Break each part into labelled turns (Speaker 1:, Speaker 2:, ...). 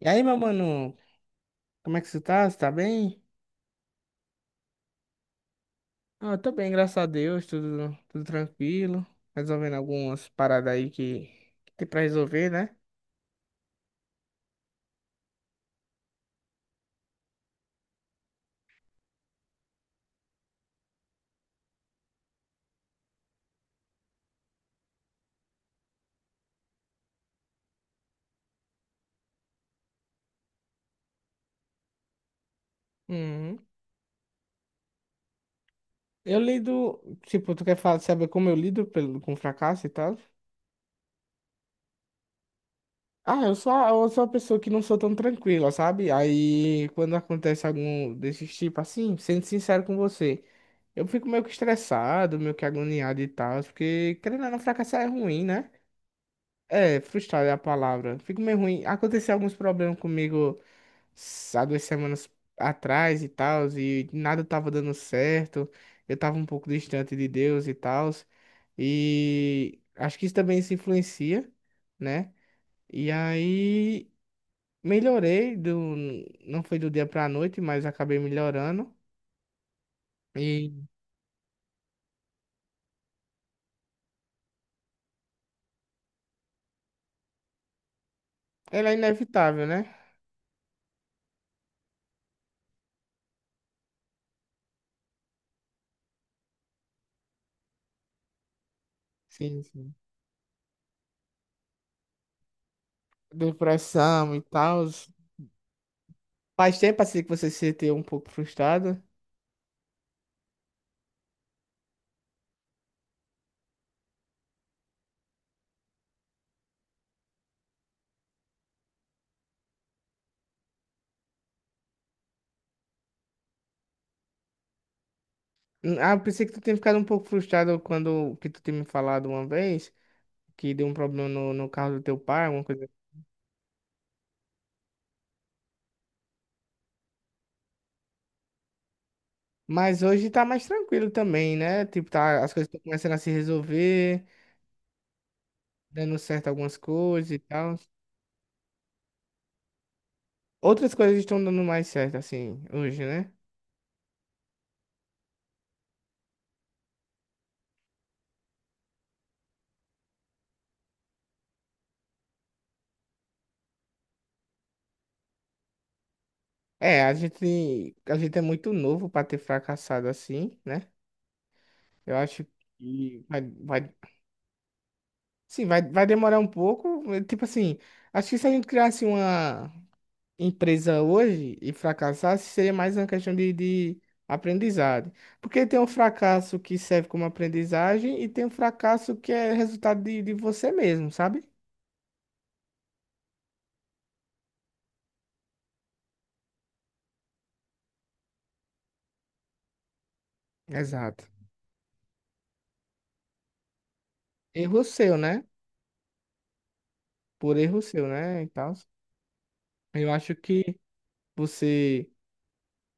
Speaker 1: E aí, meu mano, como é que você tá? Você tá bem? Ah, eu tô bem, graças a Deus, tudo tranquilo. Resolvendo algumas paradas aí que tem pra resolver, né? Uhum. Eu lido, tipo, tu quer falar, saber como eu lido com fracasso e tal? Ah, eu sou uma pessoa que não sou tão tranquila, sabe? Aí, quando acontece algum desses tipo assim, sendo sincero com você, eu fico meio que estressado, meio que agoniado e tal, porque querendo ou não, fracassar é ruim, né? É, frustrado é a palavra. Fico meio ruim. Aconteceu alguns problemas comigo há 2 semanas atrás e tal, e nada tava dando certo. Eu tava um pouco distante de Deus e tal. E acho que isso também se influencia, né? E aí melhorei do não foi do dia pra noite, mas acabei melhorando. E ela é inevitável, né? Sim, sim. Depressão e tal. Faz tempo assim que você se sente um pouco frustrado. Ah, eu pensei que tu tinha ficado um pouco frustrado quando que tu tinha me falado uma vez que deu um problema no carro do teu pai, alguma coisa. Mas hoje tá mais tranquilo também, né? Tipo, tá, as coisas estão começando a se resolver, dando certo algumas coisas e tal. Outras coisas estão dando mais certo, assim, hoje, né? É, a gente é muito novo pra ter fracassado assim, né? Eu acho que sim, vai demorar um pouco. Tipo assim, acho que se a gente criasse uma empresa hoje e fracassasse, seria mais uma questão de aprendizado. Porque tem um fracasso que serve como aprendizagem e tem um fracasso que é resultado de você mesmo, sabe? Exato. Erro seu, né? Por erro seu, né? E tal. Eu acho que você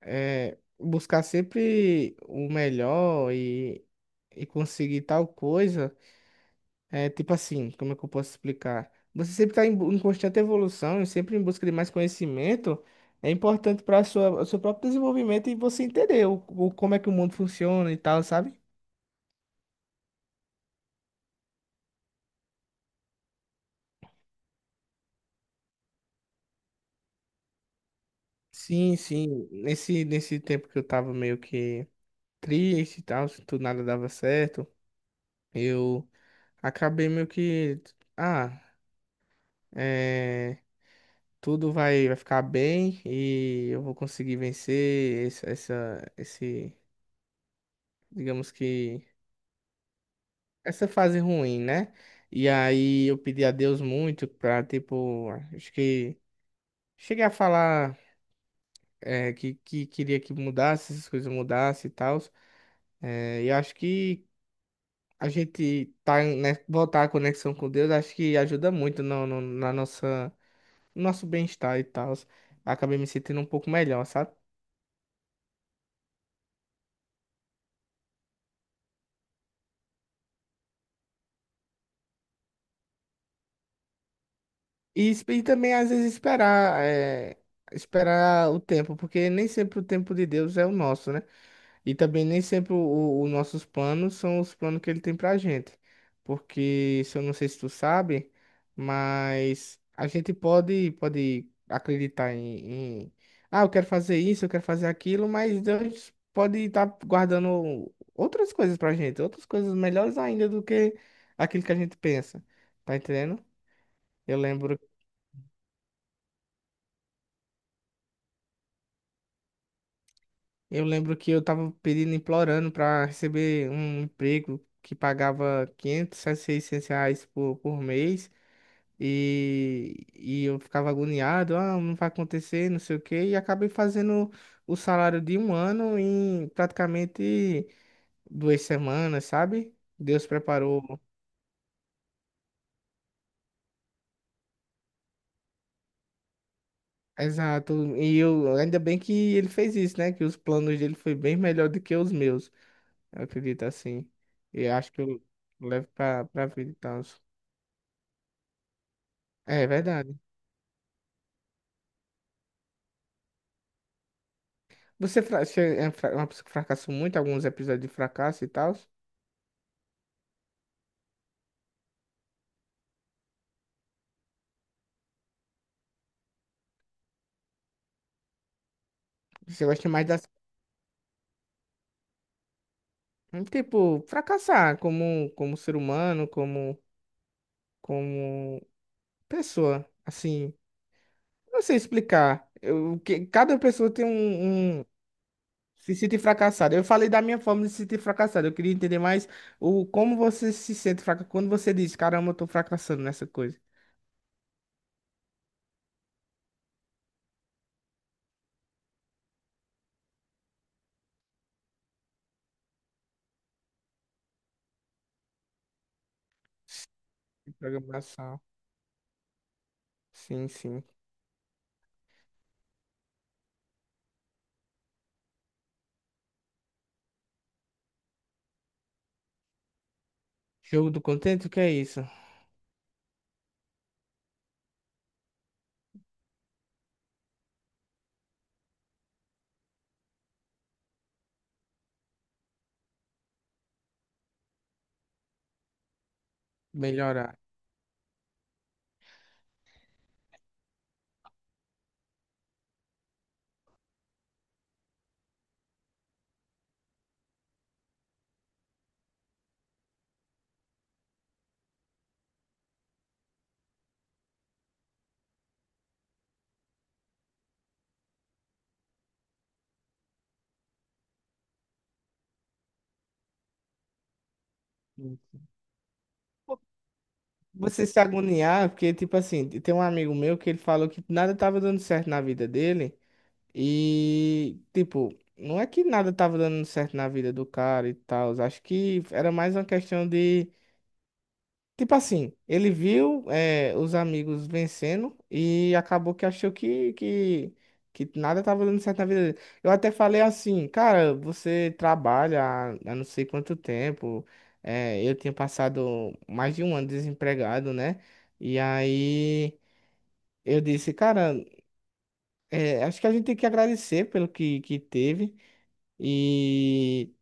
Speaker 1: buscar sempre o melhor e conseguir tal coisa. É tipo assim, como é que eu posso explicar? Você sempre está em constante evolução e sempre em busca de mais conhecimento. É importante para sua o seu próprio desenvolvimento e você entender como é que o mundo funciona e tal, sabe? Sim, sim. Nesse tempo que eu tava meio que triste e tal, se tudo nada dava certo, eu acabei meio que. Ah, é, tudo vai ficar bem e eu vou conseguir vencer esse, digamos que essa fase ruim, né? E aí eu pedi a Deus muito pra, tipo, acho que cheguei a falar que queria que mudasse, essas coisas mudassem e tal. E acho que a gente tá, né, voltar a conexão com Deus, acho que ajuda muito no nosso bem-estar e tal. Acabei me sentindo um pouco melhor, sabe? E, e também, às vezes, esperar, esperar o tempo, porque nem sempre o tempo de Deus é o nosso, né? E também nem sempre os nossos planos são os planos que ele tem pra gente. Porque, se eu não sei se tu sabe, mas a gente pode acreditar ah, eu quero fazer isso, eu quero fazer aquilo, mas Deus pode estar guardando outras coisas pra gente, outras coisas melhores ainda do que aquilo que a gente pensa. Tá entendendo? Eu lembro Eu lembro que eu tava pedindo, implorando pra receber um emprego que pagava 500, a R$ 600 por mês e eu ficava agoniado, ah, não vai acontecer, não sei o quê, e acabei fazendo o salário de um ano em praticamente 2 semanas, sabe? Deus preparou. Exato, e eu ainda bem que ele fez isso, né? Que os planos dele foi bem melhor do que os meus, eu acredito assim. E acho que eu levo pra vida e tal. É verdade. Você é uma pessoa que fracassou muito, alguns episódios de fracasso e tal. Você gosta mais das. Tipo, fracassar como ser humano, como pessoa. Assim, não sei explicar. Cada pessoa tem um. Se sente fracassada. Eu falei da minha forma de se sentir fracassado. Eu queria entender mais como você se sente fracassado quando você diz, caramba, eu tô fracassando nessa coisa. De programação. Sim, sim. Jogo do contento, o que é isso? Melhorar. Você se agoniar, porque, tipo assim, tem um amigo meu que ele falou que nada tava dando certo na vida dele. E, tipo, não é que nada tava dando certo na vida do cara e tal. Acho que era mais uma questão de. Tipo assim, ele viu os amigos vencendo e acabou que achou que nada estava dando certo na vida dele. Eu até falei assim, cara, você trabalha há não sei quanto tempo. Eu tinha passado mais de um ano desempregado, né? E aí eu disse, cara, acho que a gente tem que agradecer pelo que teve e,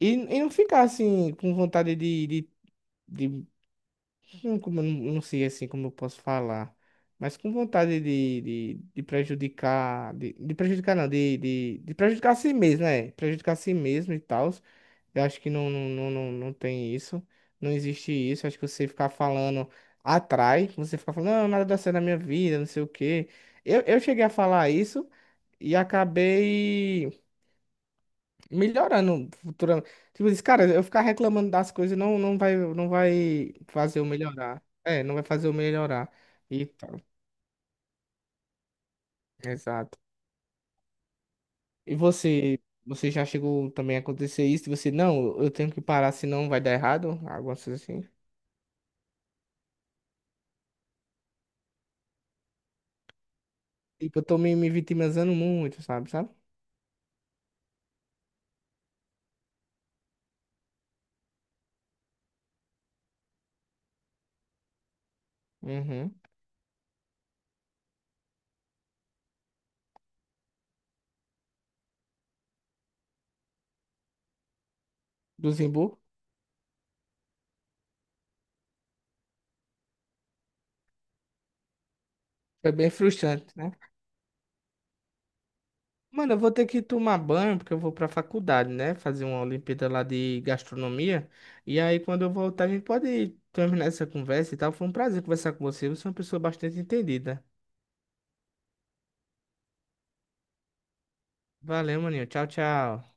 Speaker 1: e não ficar assim com vontade de não, como, eu não sei assim como eu posso falar, mas com vontade de prejudicar, de prejudicar não, de prejudicar a si mesmo, né? Prejudicar a si mesmo e tal. Eu acho que não, não, não, não, não tem isso, não existe isso. Acho que você ficar falando atrai, você ficar falando, não, nada dá certo na minha vida, não sei o quê. Eu cheguei a falar isso e acabei melhorando futuramente. Tipo, diz, cara, eu ficar reclamando das coisas não, não vai fazer eu melhorar. É, não vai fazer eu melhorar. E tal. Exato. E você já chegou também a acontecer isso? E você, não, eu tenho que parar, senão vai dar errado. Algumas coisas assim. Tipo, eu tô me vitimizando muito, sabe, sabe? Uhum. Do Zimbu. Foi bem frustrante, né? Mano, eu vou ter que tomar banho porque eu vou pra faculdade, né? Fazer uma Olimpíada lá de gastronomia. E aí, quando eu voltar, a gente pode terminar essa conversa e tal. Foi um prazer conversar com você. Você é uma pessoa bastante entendida. Valeu, maninho. Tchau, tchau.